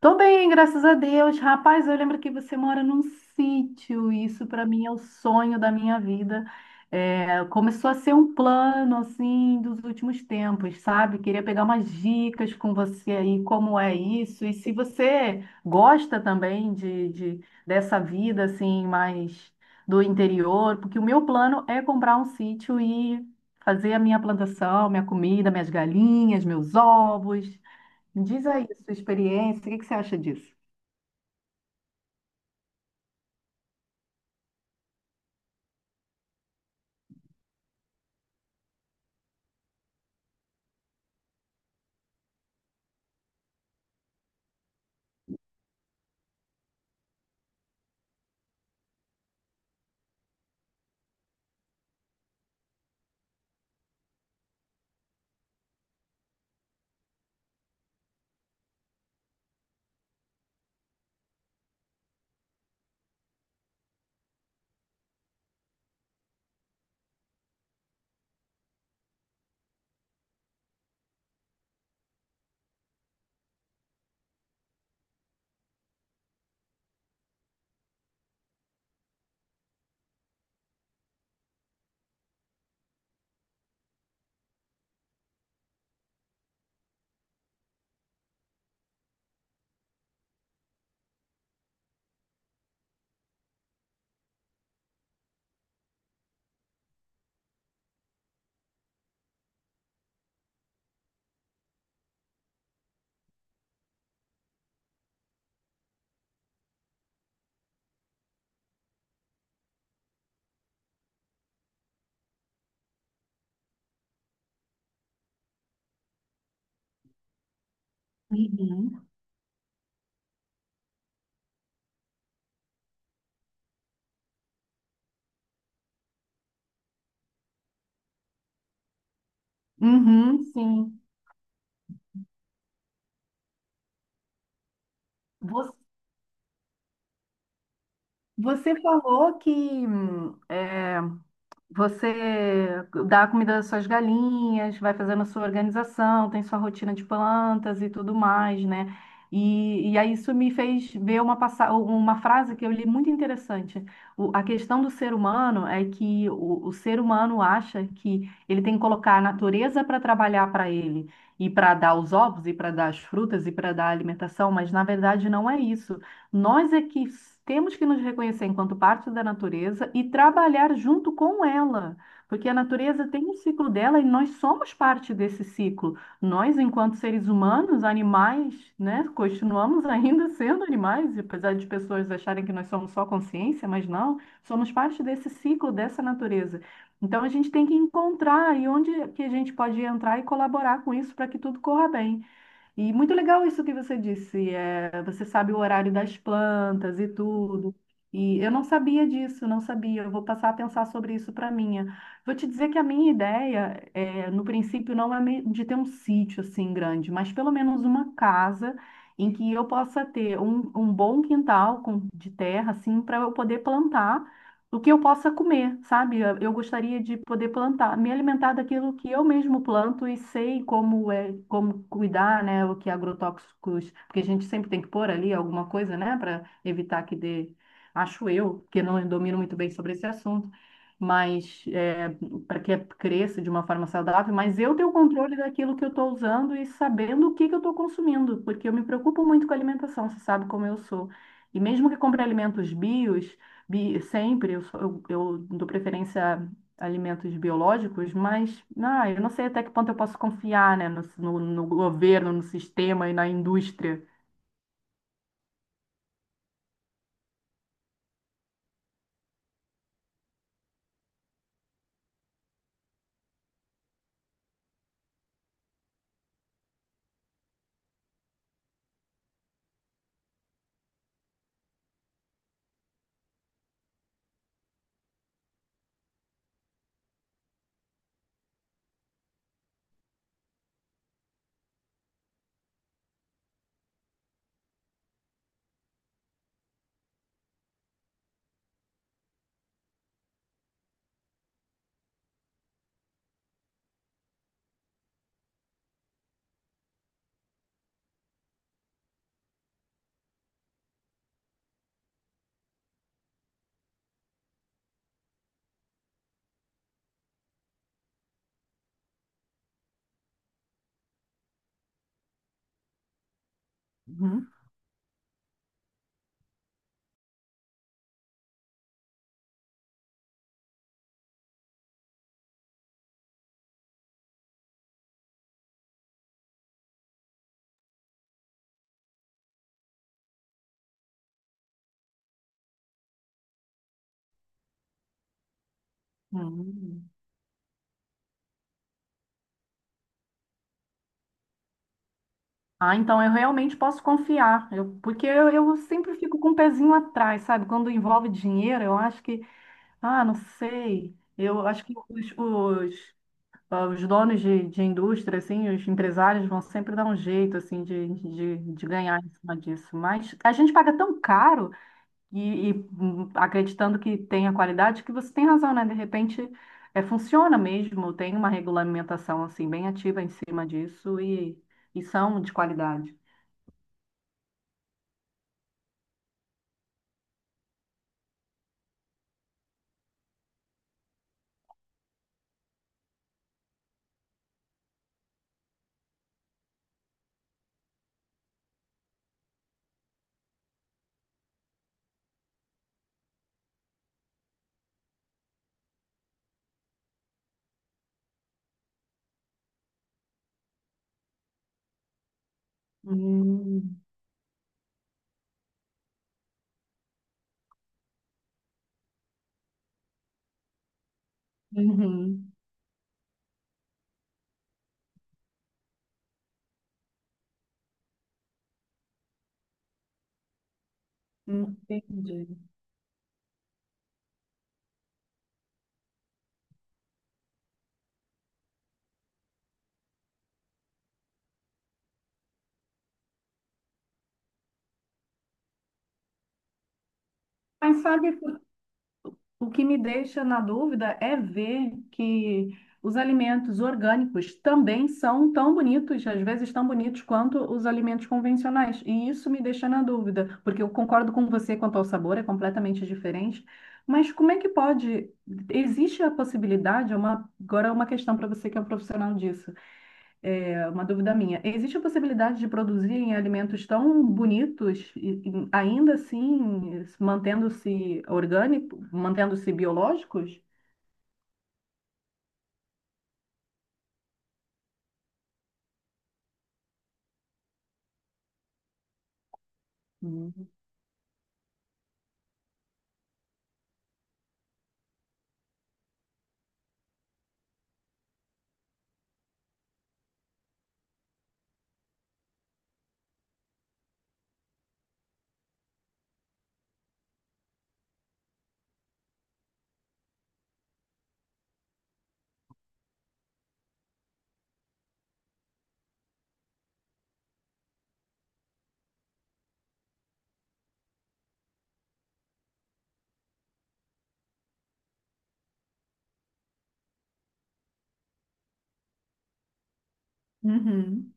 Tô bem, graças a Deus. Rapaz, eu lembro que você mora num sítio, e isso para mim é o sonho da minha vida. É, começou a ser um plano assim dos últimos tempos, sabe? Queria pegar umas dicas com você aí, como é isso, e se você gosta também dessa vida assim, mais do interior, porque o meu plano é comprar um sítio e fazer a minha plantação, minha comida, minhas galinhas, meus ovos. Me diz aí a sua experiência, o que que você acha disso? Uhum. Uhum, sim. Vo- Você falou que você dá a comida das suas galinhas, vai fazendo a sua organização, tem sua rotina de plantas e tudo mais, né? E aí isso me fez ver uma frase que eu li muito interessante. A questão do ser humano é que o ser humano acha que ele tem que colocar a natureza para trabalhar para ele, e para dar os ovos, e para dar as frutas, e para dar a alimentação, mas na verdade não é isso. Nós é que temos que nos reconhecer enquanto parte da natureza e trabalhar junto com ela, porque a natureza tem um ciclo dela e nós somos parte desse ciclo. Nós, enquanto seres humanos, animais, né, continuamos ainda sendo animais, apesar de pessoas acharem que nós somos só consciência, mas não, somos parte desse ciclo, dessa natureza. Então a gente tem que encontrar aí onde é que a gente pode entrar e colaborar com isso para que tudo corra bem. E muito legal isso que você disse, você sabe o horário das plantas e tudo. E eu não sabia disso, não sabia. Eu vou passar a pensar sobre isso para minha. Vou te dizer que a minha ideia, no princípio, não é de ter um sítio assim grande, mas pelo menos uma casa em que eu possa ter um bom quintal de terra, assim, para eu poder plantar do que eu possa comer, sabe? Eu gostaria de poder plantar, me alimentar daquilo que eu mesmo planto e sei como é, como cuidar, né? O que agrotóxicos, porque a gente sempre tem que pôr ali alguma coisa, né, para evitar que dê, acho eu, que não domino muito bem sobre esse assunto. Mas para que cresça de uma forma saudável, mas eu ter o controle daquilo que eu estou usando e sabendo o que que eu estou consumindo, porque eu me preocupo muito com a alimentação, você sabe como eu sou. E mesmo que compre alimentos bios, sempre eu dou preferência a alimentos biológicos, mas ah, eu não sei até que ponto eu posso confiar, né, no governo, no sistema e na indústria. Uhum. Hum. Ah, então eu realmente posso confiar, eu, porque eu sempre fico com o pezinho atrás, sabe? Quando envolve dinheiro, eu acho que, ah, não sei, eu acho que os donos de indústria, assim, os empresários vão sempre dar um jeito, assim, de ganhar em cima disso. Mas a gente paga tão caro e acreditando que tem a qualidade que você tem razão, né? De repente, funciona mesmo, tem uma regulamentação, assim, bem ativa em cima disso e são de qualidade. Hum, uhum, entendi. Mas sabe o que me deixa na dúvida é ver que os alimentos orgânicos também são tão bonitos, às vezes tão bonitos quanto os alimentos convencionais. E isso me deixa na dúvida, porque eu concordo com você quanto ao sabor, é completamente diferente. Mas como é que pode? Existe a possibilidade, é uma, agora é uma questão para você que é um profissional disso. É uma dúvida minha. Existe a possibilidade de produzirem alimentos tão bonitos e ainda assim mantendo-se orgânico, mantendo-se biológicos? Uhum. Uhum.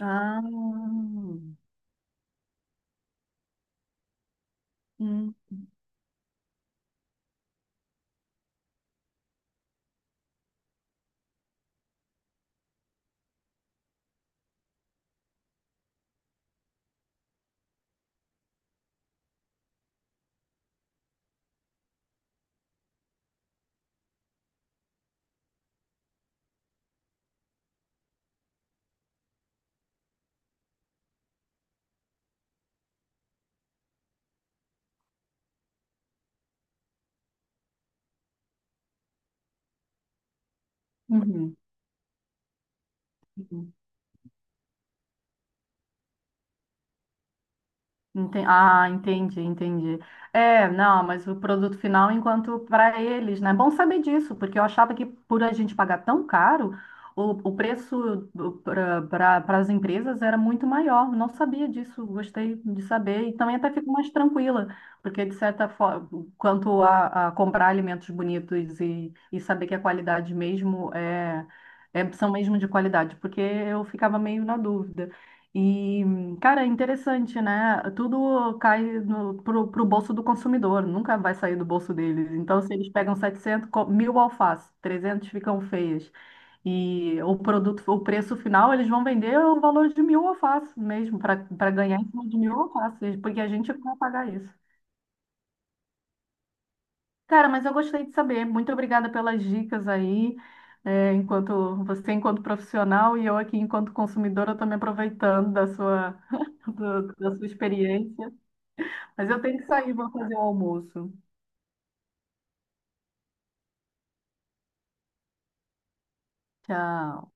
Ah. Hum. Uhum. Ah, entendi, entendi. É, não, mas o produto final, enquanto para eles, né? É bom saber disso, porque eu achava que por a gente pagar tão caro, o preço para as empresas era muito maior. Não sabia disso, gostei de saber. E também até fico mais tranquila, porque de certa forma, quanto a comprar alimentos bonitos e saber que a qualidade mesmo são mesmo de qualidade, porque eu ficava meio na dúvida. E cara, é interessante, né? Tudo cai no, pro, pro bolso do consumidor, nunca vai sair do bolso deles. Então, se eles pegam mil alfaces, 300 ficam feias. E o produto, o preço final, eles vão vender o valor de mil alfaces mesmo, para ganhar em cima de mil alfaces, porque a gente vai pagar isso. Cara, mas eu gostei de saber. Muito obrigada pelas dicas aí. É, enquanto você, enquanto profissional, e eu aqui, enquanto consumidora, estou me aproveitando da sua, da sua experiência. Mas eu tenho que sair, vou fazer o almoço. Tchau.